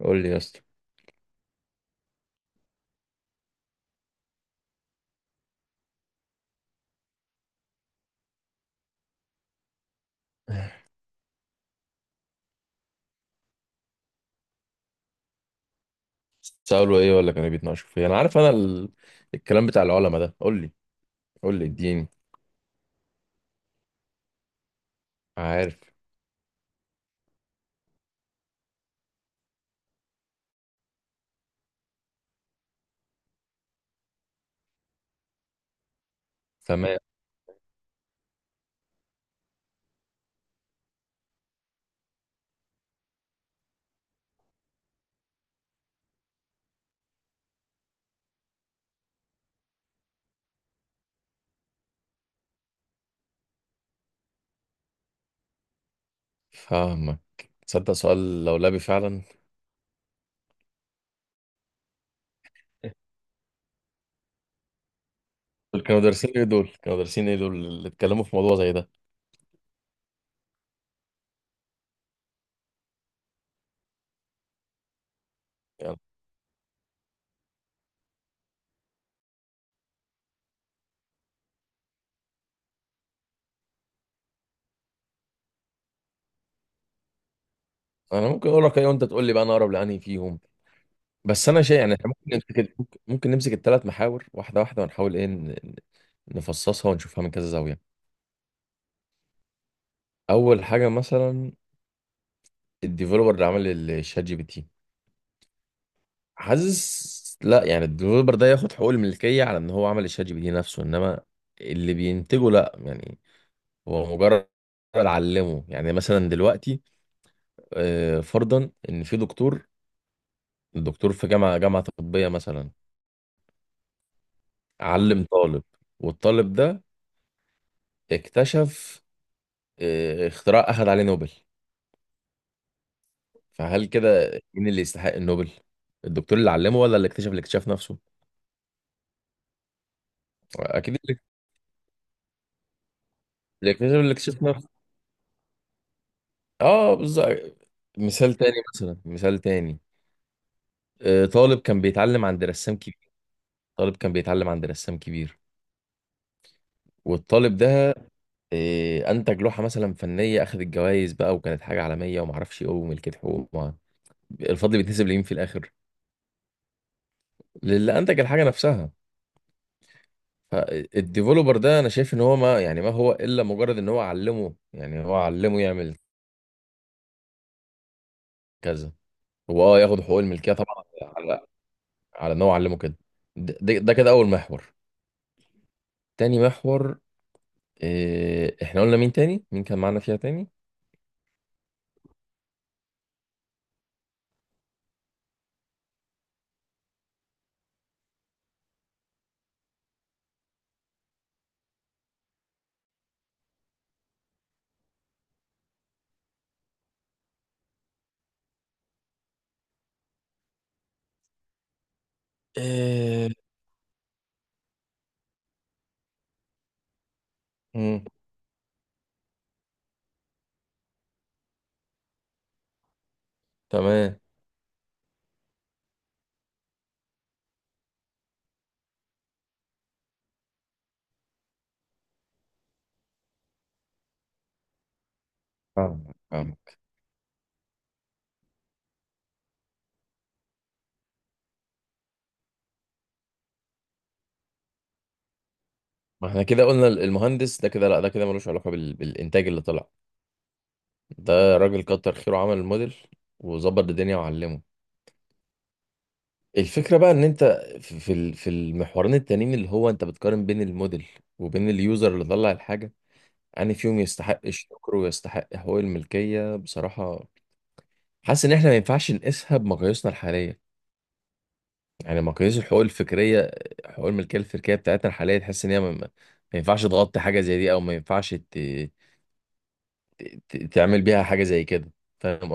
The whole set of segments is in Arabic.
قول لي يا اسطى. سألوا ايه ولا كانوا بيتناقشوا في إيه؟ انا عارف انا الكلام بتاع العلماء ده قول لي. قول لي اديني. عارف. تمام. فاهمك. تصدق سؤال لولبي فعلا. دول كانوا دارسين ايه؟ دول اللي اتكلموا في موضوع زي ده؟ يعني انا ممكن اقول لك ايه وانت تقول لي بقى انا اقرب لانهي فيهم. بس انا شايف يعني احنا ممكن نمسك ممكن نمسك الثلاث محاور واحده واحده ونحاول ايه نفصصها ونشوفها من كذا زاويه. اول حاجه مثلا الديفلوبر اللي عمل الشات جي بي تي، حاسس لا يعني الديفلوبر ده ياخد حقوق الملكية على ان هو عمل الشات جي بي تي نفسه، انما اللي بينتجه لا، يعني هو مجرد علمه. يعني مثلا دلوقتي فرضا ان في دكتور، الدكتور في جامعة طبية مثلا علم طالب، والطالب ده اكتشف اختراع اخذ عليه نوبل. فهل كده مين اللي يستحق النوبل؟ الدكتور اللي علمه ولا اللي اكتشف الاكتشاف نفسه؟ اكيد اللي، اللي اكتشف الاكتشاف نفسه. اه بالظبط. مثال تاني مثلا، مثال تاني، طالب كان بيتعلم عند رسام كبير، طالب كان بيتعلم عند رسام كبير، والطالب ده انتج لوحه مثلا فنيه اخذت الجوائز بقى وكانت حاجه عالميه وما اعرفش ايه وملكت حقوق الفضل بيتنسب لمين في الاخر؟ للي انتج الحاجه نفسها. فالديفلوبر ده انا شايف ان هو ما يعني ما هو الا مجرد ان هو علمه، يعني هو علمه يعمل كذا. هو اه ياخد حقوق الملكيه طبعا على على ان هو علمه كده. ده كده اول محور. تاني محور، إيه احنا قلنا مين تاني؟ مين كان معانا فيها تاني؟ آه، مم. تمام. فاهمك فاهمك. ما احنا كده قلنا المهندس ده كده لا، ده كده ملوش علاقة بالإنتاج اللي طلع. ده راجل كتر خيره عمل الموديل وظبط الدنيا وعلمه. الفكرة بقى ان انت في المحورين التانيين اللي هو انت بتقارن بين الموديل وبين اليوزر اللي طلع الحاجة. يعني فيهم يستحق الشكر ويستحق حقوق الملكية بصراحة؟ حاسس ان احنا ما ينفعش نقيسها بمقاييسنا الحالية. يعني ما قياس الحقوق الفكريه، حقوق الملكيه الفكريه بتاعتنا الحاليه تحس ان هي ما ما ينفعش تغطي حاجه زي دي او ما ينفعش تعمل بيها حاجه زي كده. فاهم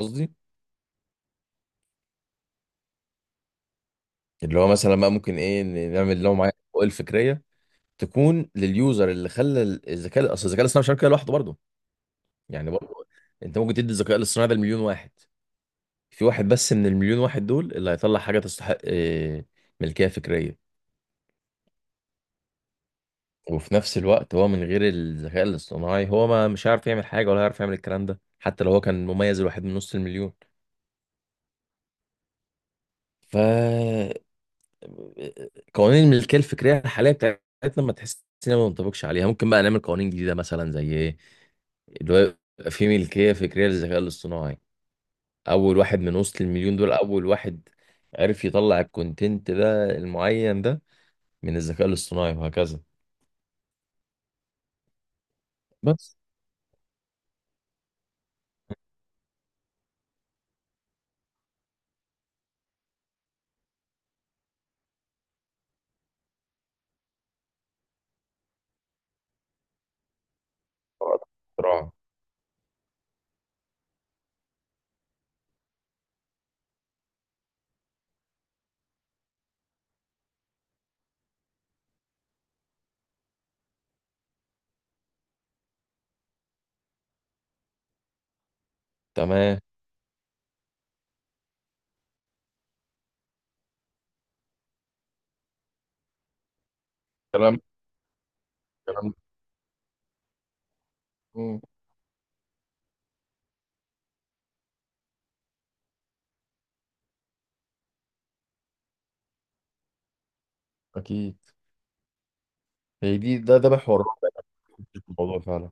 قصدي؟ اللي هو مثلا بقى ممكن ايه نعمل لهم معايا الحقوق الفكريه تكون لليوزر اللي خلى الذكاء، اصل الذكاء الاصطناعي مش هيعمل كده لوحده برضه. يعني برضه انت ممكن تدي الذكاء الاصطناعي ده لمليون واحد، في واحد بس من المليون واحد دول اللي هيطلع حاجه تستحق إيه، ملكيه فكريه. وفي نفس الوقت هو من غير الذكاء الاصطناعي هو ما مش عارف يعمل حاجة ولا هيعرف يعمل الكلام ده، حتى لو هو كان مميز الواحد من نص المليون. ف قوانين الملكية الفكرية الحالية بتاعتنا ما تحس إنها ما بنطبقش عليها. ممكن بقى نعمل قوانين جديدة مثلا زي ايه؟ اللي هو يبقى في ملكية فكرية للذكاء الاصطناعي. أول واحد من وسط المليون دول، أول واحد عرف يطلع الكونتنت ده المعين ده من الذكاء الاصطناعي، وهكذا. بس هو ده اختراع. تمام. كلام. كلام. اكيد. هي دي، ده محور الرابع في الموضوع فعلا.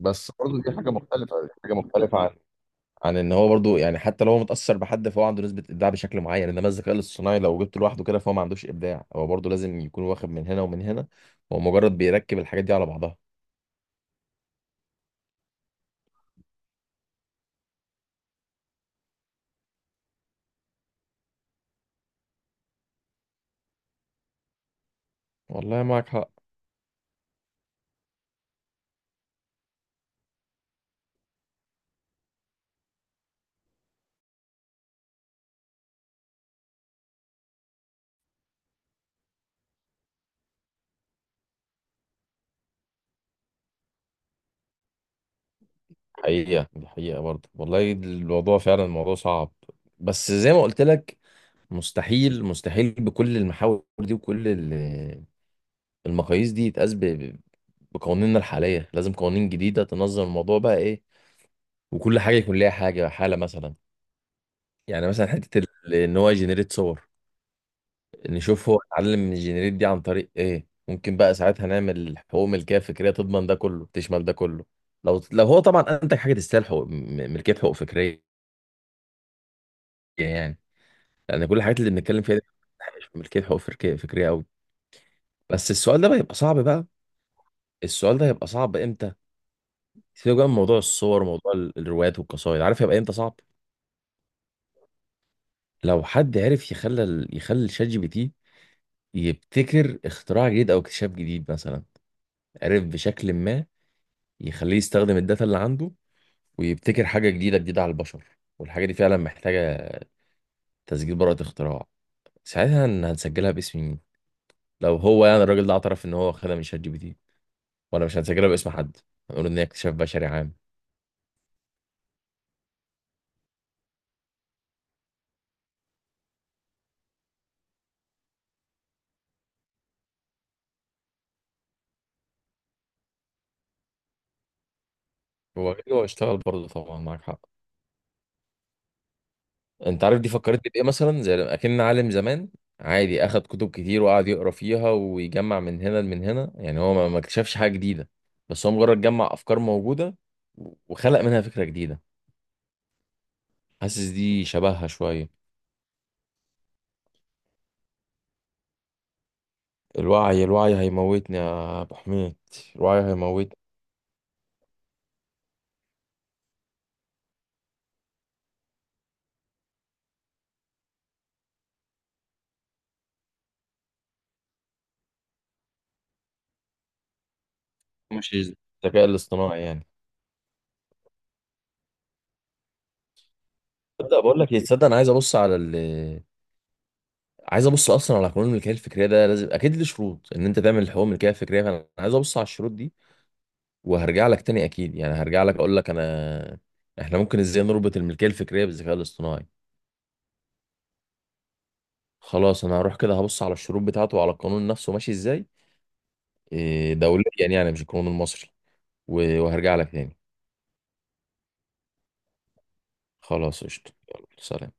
بس برضه دي حاجه مختلفه، دي حاجه مختلفه عن عن ان هو برضه يعني حتى لو هو متاثر بحد فهو عنده نسبه ابداع بشكل معين، انما الذكاء الاصطناعي لو جبته لوحده كده فهو ما عندوش ابداع، هو برضه لازم يكون واخد من هنا ومن هنا. هو مجرد بيركب الحاجات دي على بعضها. والله معاك حق. حقيقه دي حقيقه برضه، والله الموضوع فعلا الموضوع صعب. بس زي ما قلت لك، مستحيل بكل المحاور دي وكل المقاييس دي يتقاس بقوانيننا الحالية. لازم قوانين جديدة تنظم الموضوع بقى ايه، وكل حاجة يكون ليها حاجة حالة مثلا. يعني مثلا حتة ان هو يجنريت صور، نشوف هو اتعلم من الجنريت دي عن طريق ايه. ممكن بقى ساعتها نعمل حقوق ملكية فكرية تضمن ده كله، تشمل ده كله. لو هو طبعا انتج حاجة تستاهل حقوق ملكية حقوق فكرية. يعني لأن كل الحاجات اللي بنتكلم فيها دي مش ملكية حقوق فكرية فكرية قوي. بس السؤال ده بقى يبقى صعب بقى. السؤال ده هيبقى صعب امتى؟ سيبك بقى من موضوع الصور وموضوع الروايات والقصائد. عارف هيبقى امتى صعب؟ لو حد عرف يخلى يخلي الشات جي بي تي يبتكر اختراع جديد او اكتشاف جديد مثلا، عرف بشكل ما يخليه يستخدم الداتا اللي عنده ويبتكر حاجه جديده على البشر، والحاجه دي فعلا محتاجه تسجيل براءه اختراع. ساعتها هنسجلها باسم مين؟ لو هو يعني الراجل ده اعترف ان هو خدها من شات جي بي تي، ولا مش هنسجلها باسم حد؟ هنقول ان هي اكتشاف بشري عام؟ هو أكيد هو اشتغل برضه طبعا، معاك حق. انت عارف دي فكرتني بايه؟ مثلا زي لما اكن عالم زمان، عادي اخد كتب كتير وقعد يقرا فيها ويجمع من هنا لمن هنا، يعني هو ما اكتشفش حاجه جديده، بس هو مجرد جمع افكار موجوده وخلق منها فكره جديده. حاسس دي شبهها شويه. الوعي، الوعي هيموتني يا ابو حميد، الوعي هيموتني. مش الذكاء الاصطناعي يعني. تصدق بقول لك ايه، تصدق انا عايز ابص على ال، عايز ابص اصلا على قانون الملكيه الفكريه ده. لازم اكيد ليه شروط ان انت تعمل حقوق ملكيه فكريه، فانا عايز ابص على الشروط دي وهرجع لك تاني اكيد. يعني هرجع لك اقول لك انا احنا ممكن ازاي نربط الملكيه الفكريه بالذكاء الاصطناعي. خلاص انا هروح كده هبص على الشروط بتاعته وعلى القانون نفسه ماشي ازاي، إيه، دوليا يعني مش القانون المصري. وهرجع لك تاني. خلاص قشطه، يلا سلام.